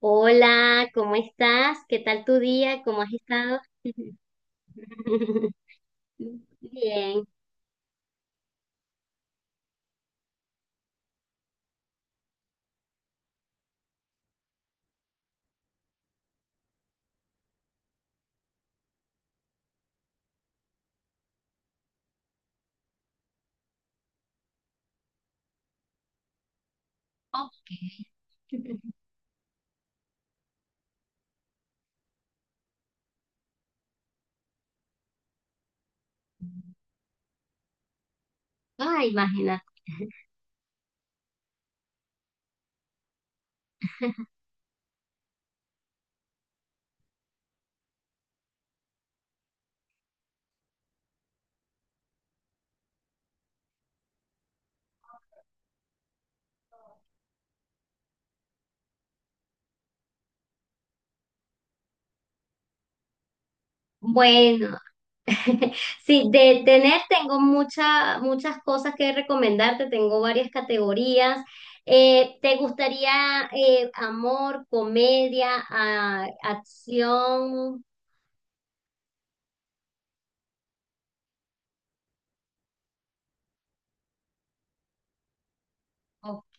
Hola, ¿cómo estás? ¿Qué tal tu día? ¿Cómo has estado? Bien. Oh. Ah, imagínate. Bueno, sí, de tener tengo muchas cosas que recomendarte, tengo varias categorías. ¿Te gustaría amor, comedia, a acción? Ok.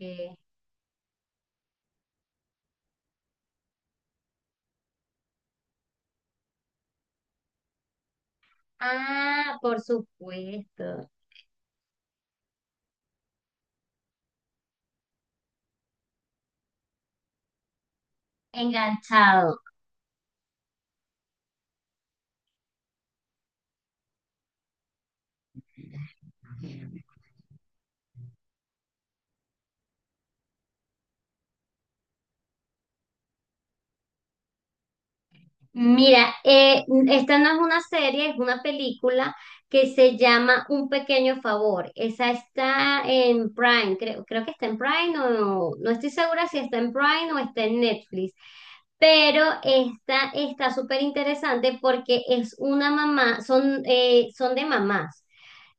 Ah, por supuesto. Enganchado. Mira, esta no es una serie, es una película que se llama Un Pequeño Favor. Esa está en Prime, creo, creo que está en Prime o no, no estoy segura si está en Prime o está en Netflix. Pero esta está súper interesante porque es una mamá, son, son de mamás.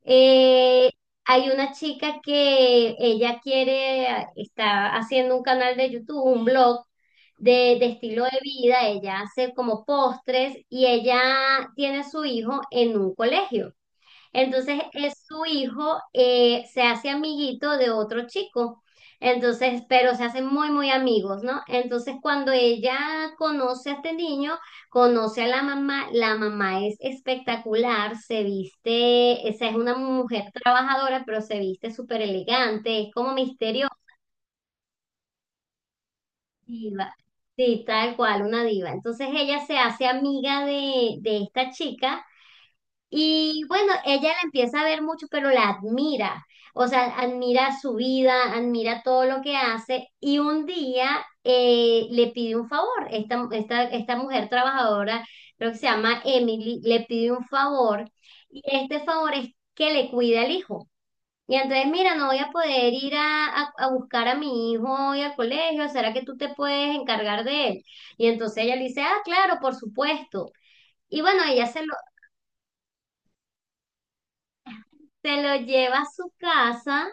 Eh, hay una chica que ella quiere, está haciendo un canal de YouTube, un blog de estilo de vida, ella hace como postres y ella tiene a su hijo en un colegio. Entonces, su hijo se hace amiguito de otro chico. Entonces, pero se hacen muy, muy amigos, ¿no? Entonces, cuando ella conoce a este niño, conoce a la mamá es espectacular, se viste, esa es una mujer trabajadora, pero se viste súper elegante, es como misteriosa, diva. Sí, tal cual, una diva. Entonces, ella se hace amiga de esta chica. Y bueno, ella la empieza a ver mucho, pero la admira. O sea, admira su vida, admira todo lo que hace. Y un día le pide un favor. Esta mujer trabajadora, creo que se llama Emily, le pide un favor. Y este favor es que le cuide al hijo. Y entonces, mira, no voy a poder ir a buscar a mi hijo hoy al colegio. ¿Será que tú te puedes encargar de él? Y entonces ella le dice, ah, claro, por supuesto. Y bueno, ella se lo lleva a su casa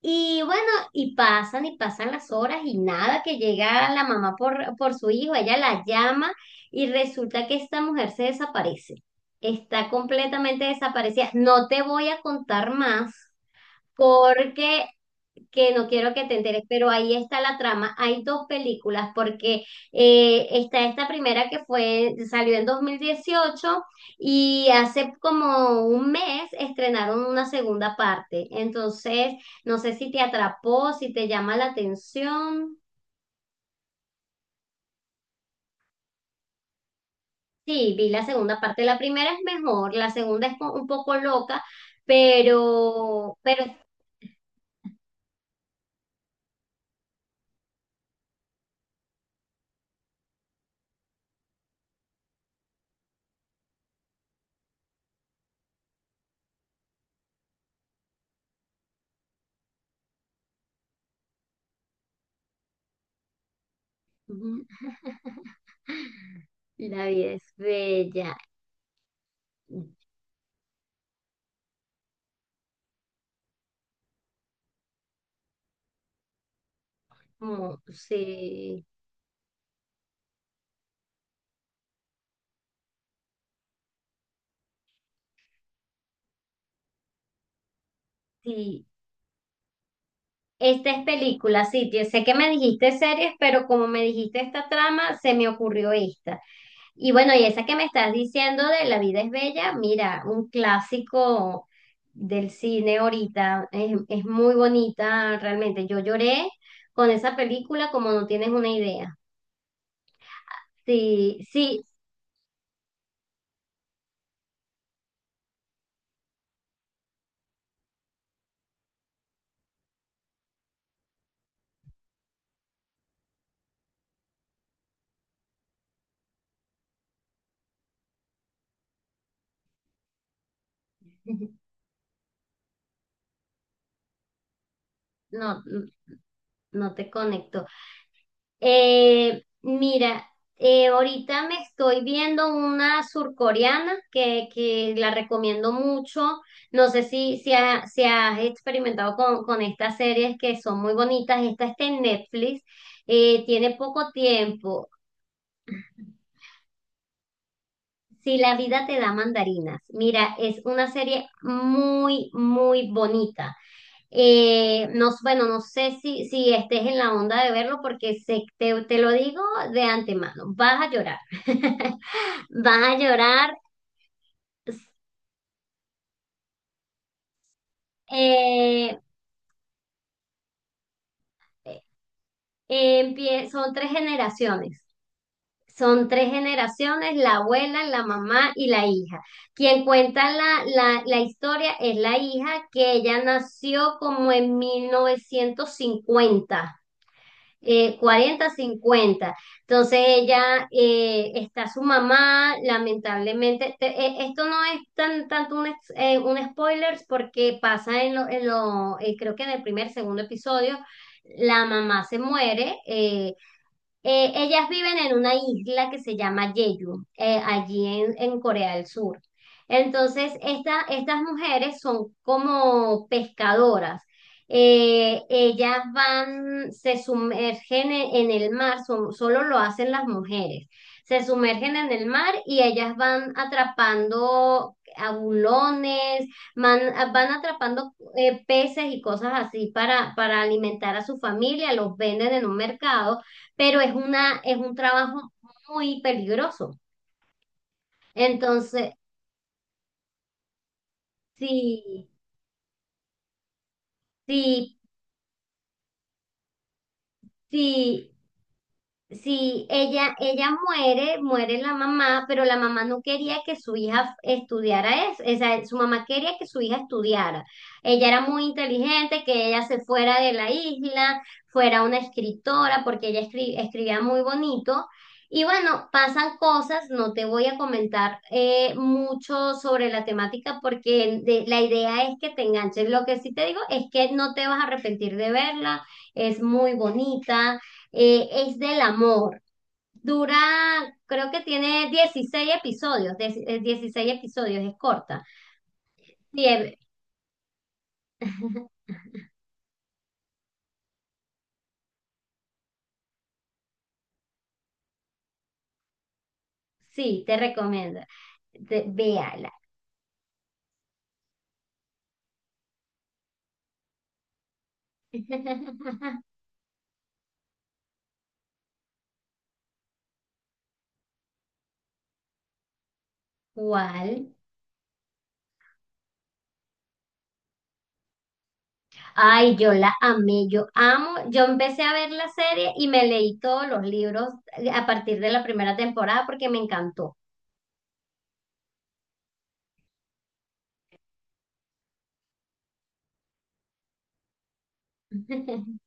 y bueno, y pasan las horas y nada, que llega la mamá por su hijo, ella la llama y resulta que esta mujer se desaparece, está completamente desaparecida. No te voy a contar más porque que no quiero que te enteres, pero ahí está la trama. Hay dos películas, porque está esta primera que salió en 2018 y hace como un mes estrenaron una segunda parte. Entonces, no sé si te atrapó, si te llama la atención. Sí, vi la segunda parte. La primera es mejor, la segunda es un poco loca, pero Ujú. La vida es bella. Como, sí. Sí, esta es película, sí, sé que me dijiste series, pero como me dijiste esta trama, se me ocurrió esta. Y bueno, y esa que me estás diciendo de La vida es bella, mira, un clásico del cine ahorita, es muy bonita realmente. Yo lloré con esa película como no tienes una idea. Sí, sí, no, no te conecto. Mira, ahorita me estoy viendo una surcoreana que la recomiendo mucho. No sé si has experimentado con estas series que son muy bonitas. Esta está en Netflix, tiene poco tiempo. Si la vida te da mandarinas. Mira, es una serie muy, muy bonita. No, bueno, no sé si, si estés en la onda de verlo porque te, te lo digo de antemano, vas a llorar, vas a llorar. Eh, eh, empie- son tres generaciones, son tres generaciones, la abuela, la mamá y la hija. Quien cuenta la historia es la hija que ella nació como en 1950 40, 50. Entonces ella, está su mamá, lamentablemente, esto no es tan, tanto un spoiler porque pasa en en lo creo que en el primer, segundo episodio, la mamá se muere, ellas viven en una isla que se llama Jeju, allí en Corea del Sur. Entonces, estas mujeres son como pescadoras. Ellas van, se sumergen en el mar, solo lo hacen las mujeres. Se sumergen en el mar y ellas van atrapando abulones, van, van atrapando peces y cosas así para alimentar a su familia, los venden en un mercado pero es un trabajo muy peligroso. Entonces, sí, sí, sí, sí, ella muere, muere la mamá, pero la mamá no quería que su hija estudiara eso, o sea, su mamá quería que su hija estudiara. Ella era muy inteligente, que ella se fuera de la isla, fuera una escritora, porque ella escribía muy bonito. Y bueno, pasan cosas, no te voy a comentar mucho sobre la temática porque la idea es que te enganches. Lo que sí te digo es que no te vas a arrepentir de verla, es muy bonita. Es del amor. Dura, creo que tiene 16 episodios, 16 episodios, es corta. Sí, sí, te recomiendo. Véala. ¿Cuál? Ay, yo la amé, yo amo. Yo empecé a ver la serie y me leí todos los libros a partir de la primera temporada porque me encantó.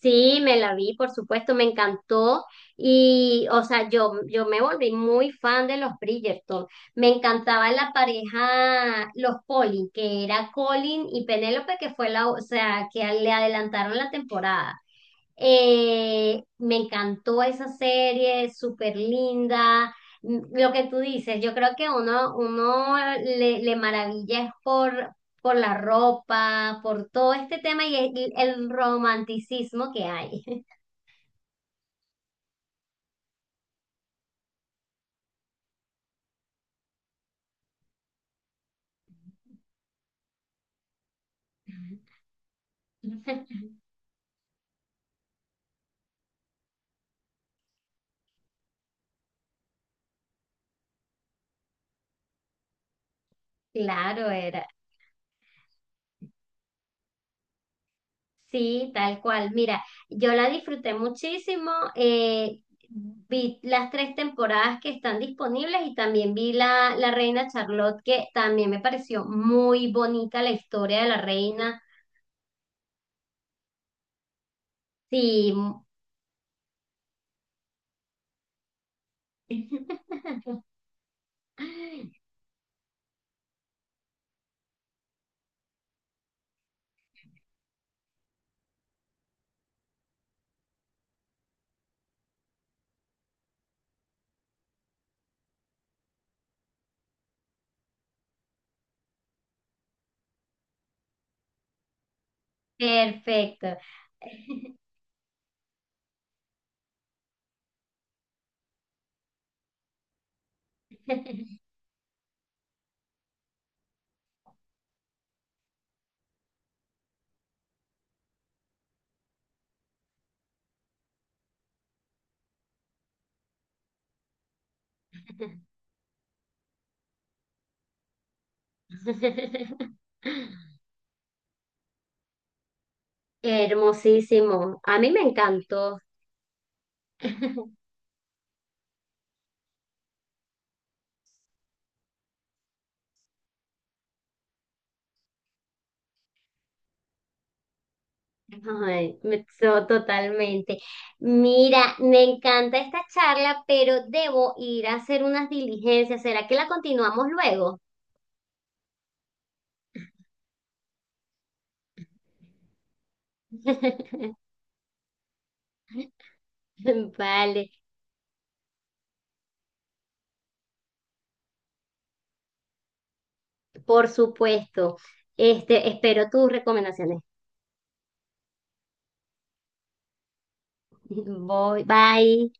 Sí, me la vi, por supuesto, me encantó y, o sea, yo me volví muy fan de los Bridgerton. Me encantaba la pareja, los Colin, que era Colin y Penélope, que fue la, o sea, que le adelantaron la temporada. Me encantó esa serie, súper linda. M- Lo que tú dices, yo creo que uno le maravilla es por la ropa, por todo este tema y el romanticismo que hay. Claro, era. Sí, tal cual. Mira, yo la disfruté muchísimo. Vi las tres temporadas que están disponibles y también vi la Reina Charlotte, que también me pareció muy bonita la historia de la reina. Sí. Perfecto. Hermosísimo. A mí me encantó. Ay, totalmente. Mira, me encanta esta charla, pero debo ir a hacer unas diligencias. ¿Será que la continuamos luego? Vale, por supuesto. Este, espero tus recomendaciones. Voy, bye.